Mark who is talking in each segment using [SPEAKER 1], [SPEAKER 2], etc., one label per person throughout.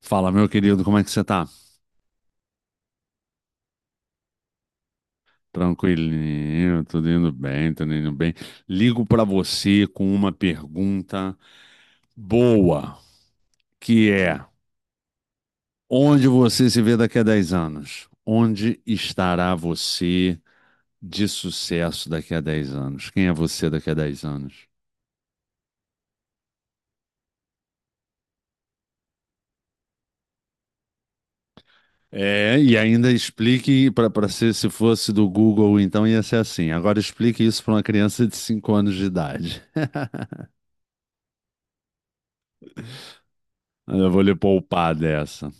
[SPEAKER 1] Fala, meu querido, como é que você tá? Tranquilinho, tudo indo bem, tudo indo bem. Ligo pra você com uma pergunta boa, que é: onde você se vê daqui a 10 anos? Onde estará você de sucesso daqui a 10 anos? Quem é você daqui a 10 anos? É, e ainda explique para ser se fosse do Google, então ia ser assim. Agora explique isso para uma criança de 5 anos de idade. Eu vou lhe poupar dessa.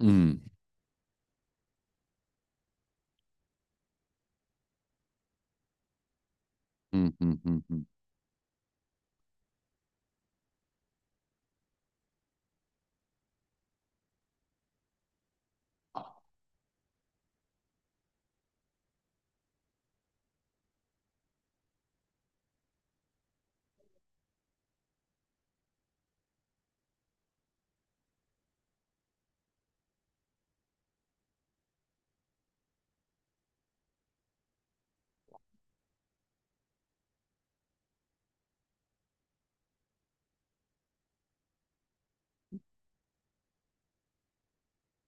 [SPEAKER 1] Hum. Hum, hum, hum, hum.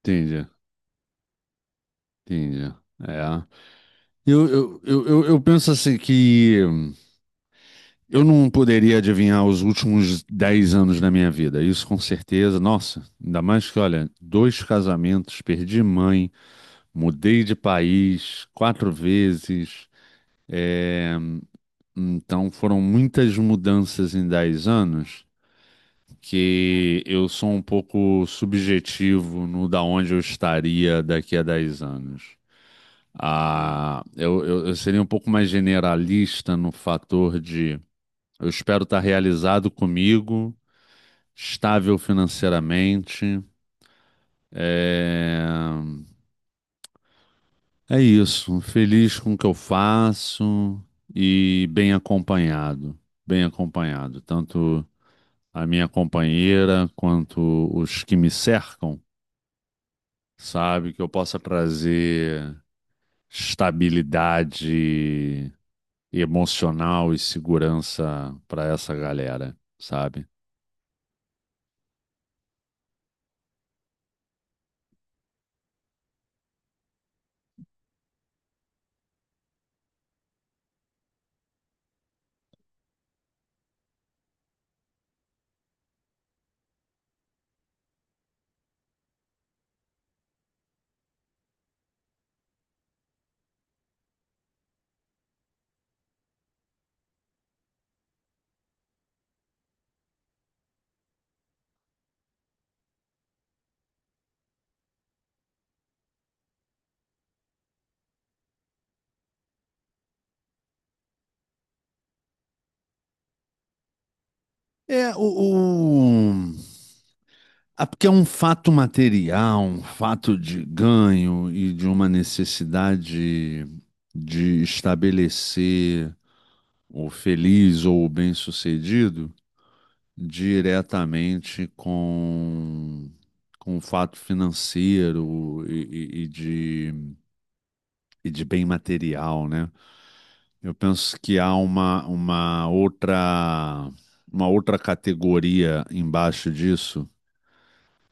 [SPEAKER 1] Entendi, entendi. É. Eu penso assim que eu não poderia adivinhar os últimos 10 anos da minha vida. Isso com certeza. Nossa, ainda mais que, olha, dois casamentos, perdi mãe, mudei de país quatro vezes. Então foram muitas mudanças em 10 anos que eu sou um pouco subjetivo no da onde eu estaria daqui a 10 anos. Ah, eu seria um pouco mais generalista no fator de eu espero estar realizado comigo, estável financeiramente. É, é isso, feliz com o que eu faço e bem acompanhado. Bem acompanhado, tanto a minha companheira quanto os que me cercam, sabe? Que eu possa trazer estabilidade emocional e segurança para essa galera, sabe? É, o, o- Ah, porque é um fato material, um fato de ganho e de uma necessidade de estabelecer o feliz ou o bem-sucedido diretamente com o fato financeiro e e de bem material, né? Eu penso que há uma outra categoria embaixo disso,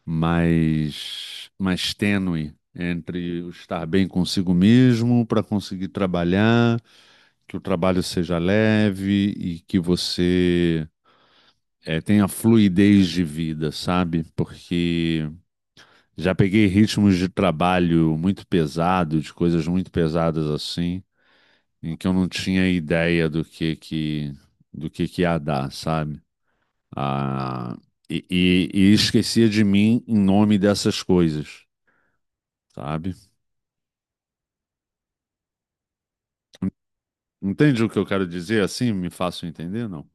[SPEAKER 1] mais tênue entre o estar bem consigo mesmo para conseguir trabalhar, que o trabalho seja leve e que você tenha fluidez de vida, sabe? Porque já peguei ritmos de trabalho muito pesado, de coisas muito pesadas assim em que eu não tinha ideia do que do que ia dar, sabe? Ah, e esquecia de mim em nome dessas coisas, sabe? Entende o que eu quero dizer? Assim, me faço entender, não?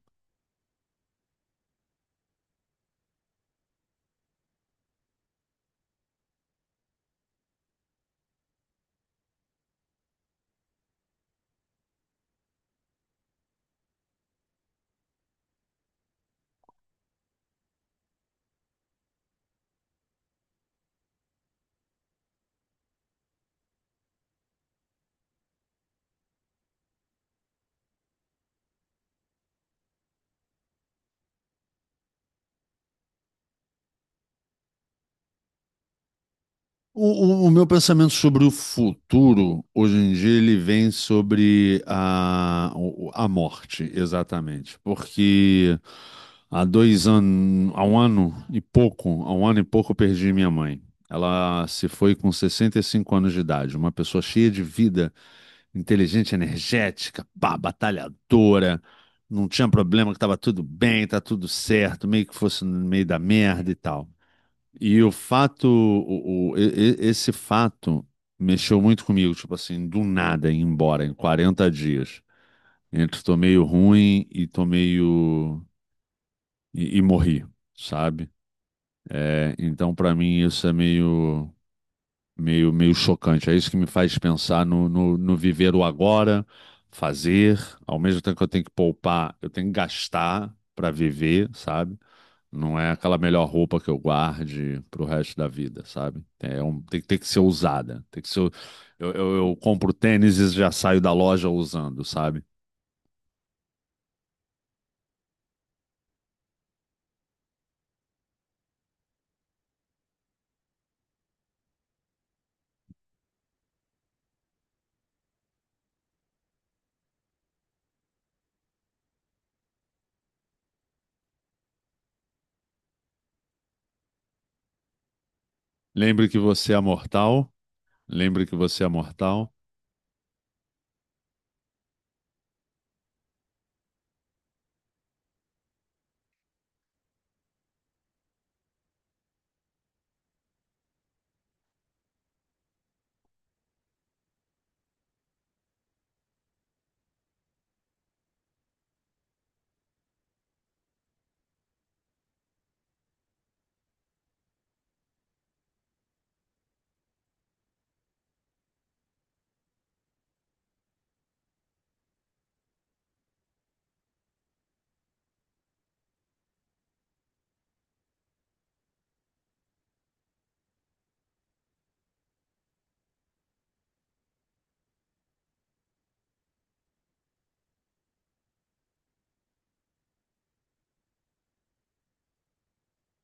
[SPEAKER 1] O meu pensamento sobre o futuro, hoje em dia, ele vem sobre a morte, exatamente. Porque há 2 anos, há um ano e pouco eu perdi minha mãe. Ela se foi com 65 anos de idade, uma pessoa cheia de vida, inteligente, energética, pá, batalhadora, não tinha problema que estava tudo bem, tá tudo certo, meio que fosse no meio da merda e tal. E o fato, esse fato mexeu muito comigo, tipo assim, do nada ir embora em 40 dias. Entre tô meio ruim e tô meio e morri, sabe? É, então, para mim, isso é meio chocante. É isso que me faz pensar no viver o agora, fazer, ao mesmo tempo que eu tenho que poupar, eu tenho que gastar para viver, sabe? Não é aquela melhor roupa que eu guarde pro resto da vida, sabe? É um- tem que ser usada. Tem que ser, eu compro tênis e já saio da loja usando, sabe? Lembre que você é mortal. Lembre que você é mortal.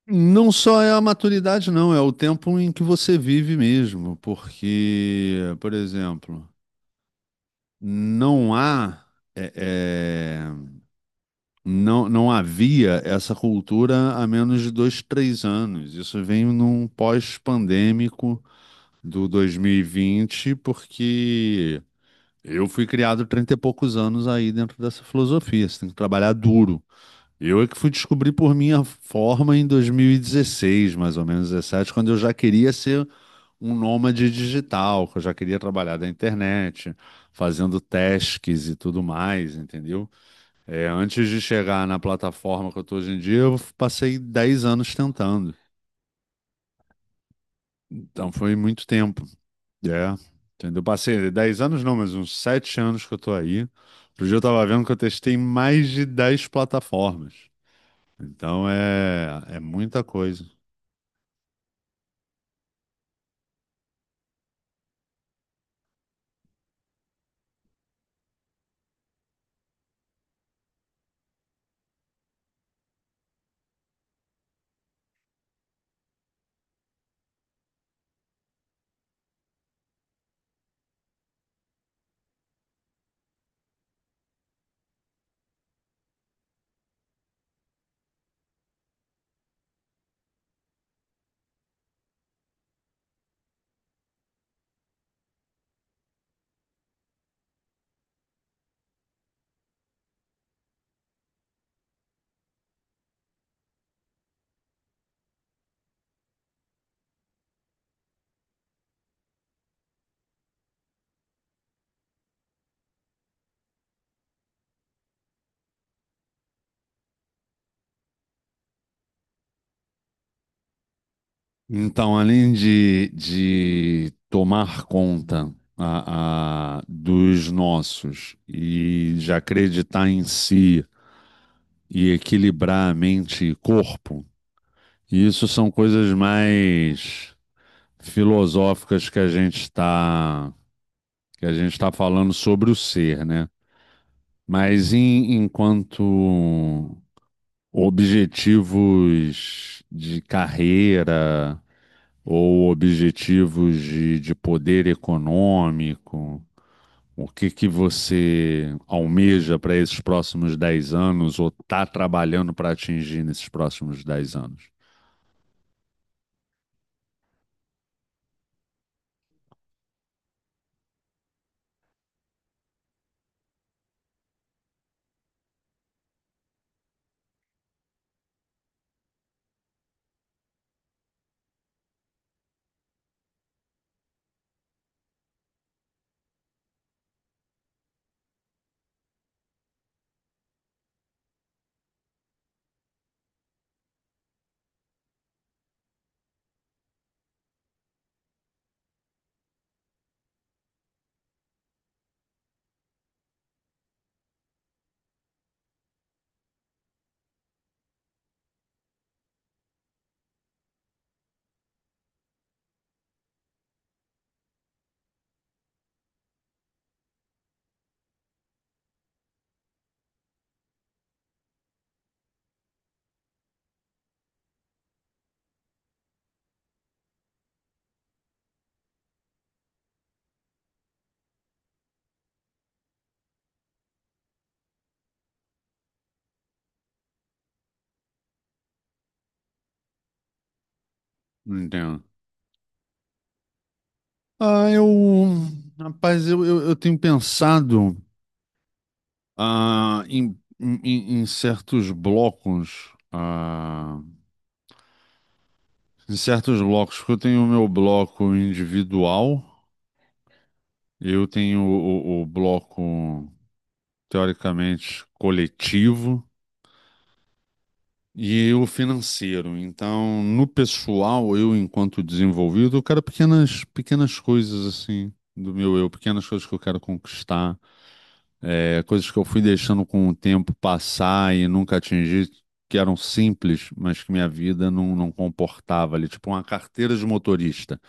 [SPEAKER 1] Não só é a maturidade, não, é o tempo em que você vive mesmo, porque, por exemplo, não há, é, é, não havia essa cultura há menos de 2, 3 anos. Isso vem num pós-pandêmico do 2020, porque eu fui criado 30 e poucos anos aí dentro dessa filosofia. Você tem que trabalhar duro. Eu é que fui descobrir por minha forma em 2016, mais ou menos 17, quando eu já queria ser um nômade digital, que eu já queria trabalhar da internet, fazendo tasks e tudo mais, entendeu? É, antes de chegar na plataforma que eu tô hoje em dia, eu passei 10 anos tentando. Então foi muito tempo. É, entendeu? Passei 10 anos não, mas uns 7 anos que eu tô aí. Outro dia eu tava vendo que eu testei mais de 10 plataformas. Então é muita coisa. Então, além de tomar conta dos nossos e de acreditar em si e equilibrar a mente e corpo, isso são coisas mais filosóficas que a gente está falando sobre o ser, né? Mas em- enquanto objetivos de carreira ou objetivos de poder econômico? O que você almeja para esses próximos 10 anos ou está trabalhando para atingir nesses próximos 10 anos? Entendo. Ah, rapaz, eu tenho pensado em, em certos blocos, em certos blocos, porque eu tenho o meu bloco individual, eu tenho o bloco teoricamente coletivo e o financeiro. Então, no pessoal, eu enquanto desenvolvido, eu quero pequenas coisas assim do meu eu, pequenas coisas que eu quero conquistar, é, coisas que eu fui deixando com o tempo passar e nunca atingi. Que eram simples, mas que minha vida não comportava ali. Tipo, uma carteira de motorista.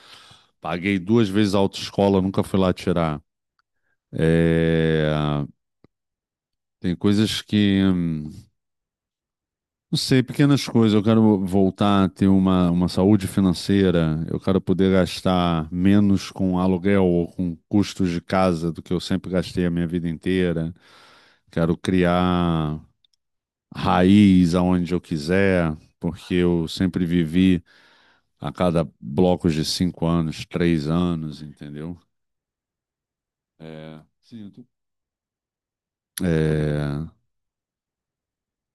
[SPEAKER 1] Paguei duas vezes a autoescola, nunca fui lá tirar. É, tem coisas que. Não sei, pequenas coisas. Eu quero voltar a ter uma saúde financeira. Eu quero poder gastar menos com aluguel ou com custos de casa do que eu sempre gastei a minha vida inteira. Quero criar raiz aonde eu quiser, porque eu sempre vivi a cada blocos de 5 anos, 3 anos, entendeu? É, sinto. É,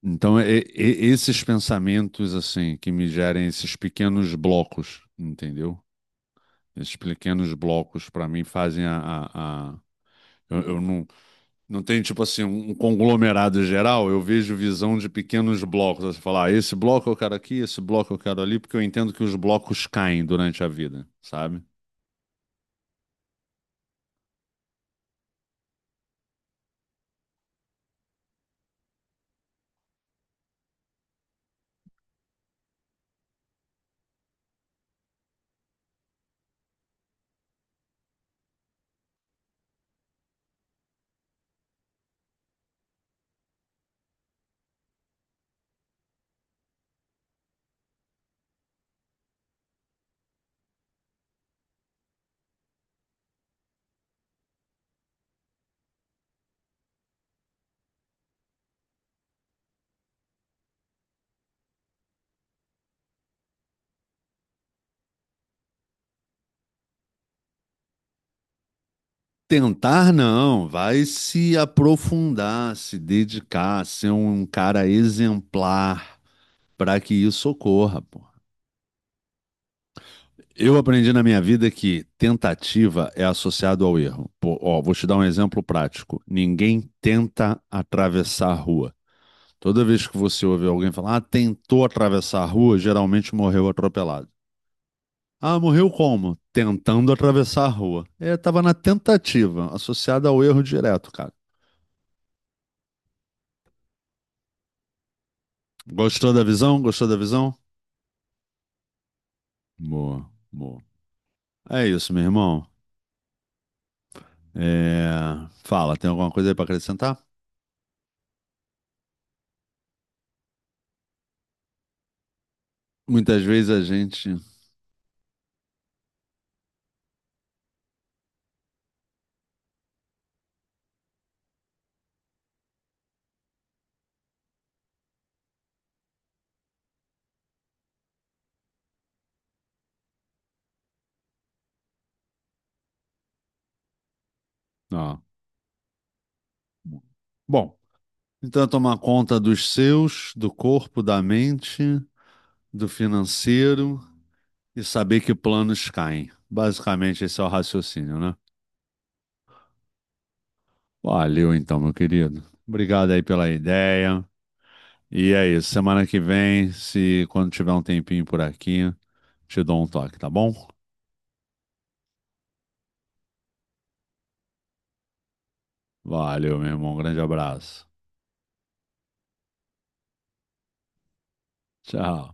[SPEAKER 1] então, esses pensamentos, assim, que me gerem esses pequenos blocos, entendeu? Esses pequenos blocos, para mim, fazem a- eu não, não tenho, tipo assim, um conglomerado geral, eu vejo visão de pequenos blocos. Você fala, ah, esse bloco eu quero aqui, esse bloco eu quero ali, porque eu entendo que os blocos caem durante a vida, sabe? Tentar não, vai se aprofundar, se dedicar, ser um cara exemplar para que isso ocorra, pô. Eu aprendi na minha vida que tentativa é associado ao erro. Pô, ó, vou te dar um exemplo prático. Ninguém tenta atravessar a rua. Toda vez que você ouve alguém falar, ah, tentou atravessar a rua, geralmente morreu atropelado. Ah, morreu como? Tentando atravessar a rua. É, tava na tentativa, associada ao erro direto, cara. Gostou da visão? Gostou da visão? Boa, boa. É isso, meu irmão. É, fala, tem alguma coisa aí para acrescentar? Muitas vezes a gente. Ó, bom, então, é tomar conta dos seus, do corpo, da mente, do financeiro e saber que planos caem. Basicamente, esse é o raciocínio, né? Valeu, então, meu querido. Obrigado aí pela ideia. E é isso. Semana que vem, se quando tiver um tempinho por aqui, te dou um toque, tá bom? Valeu, meu irmão. Um grande abraço. Tchau.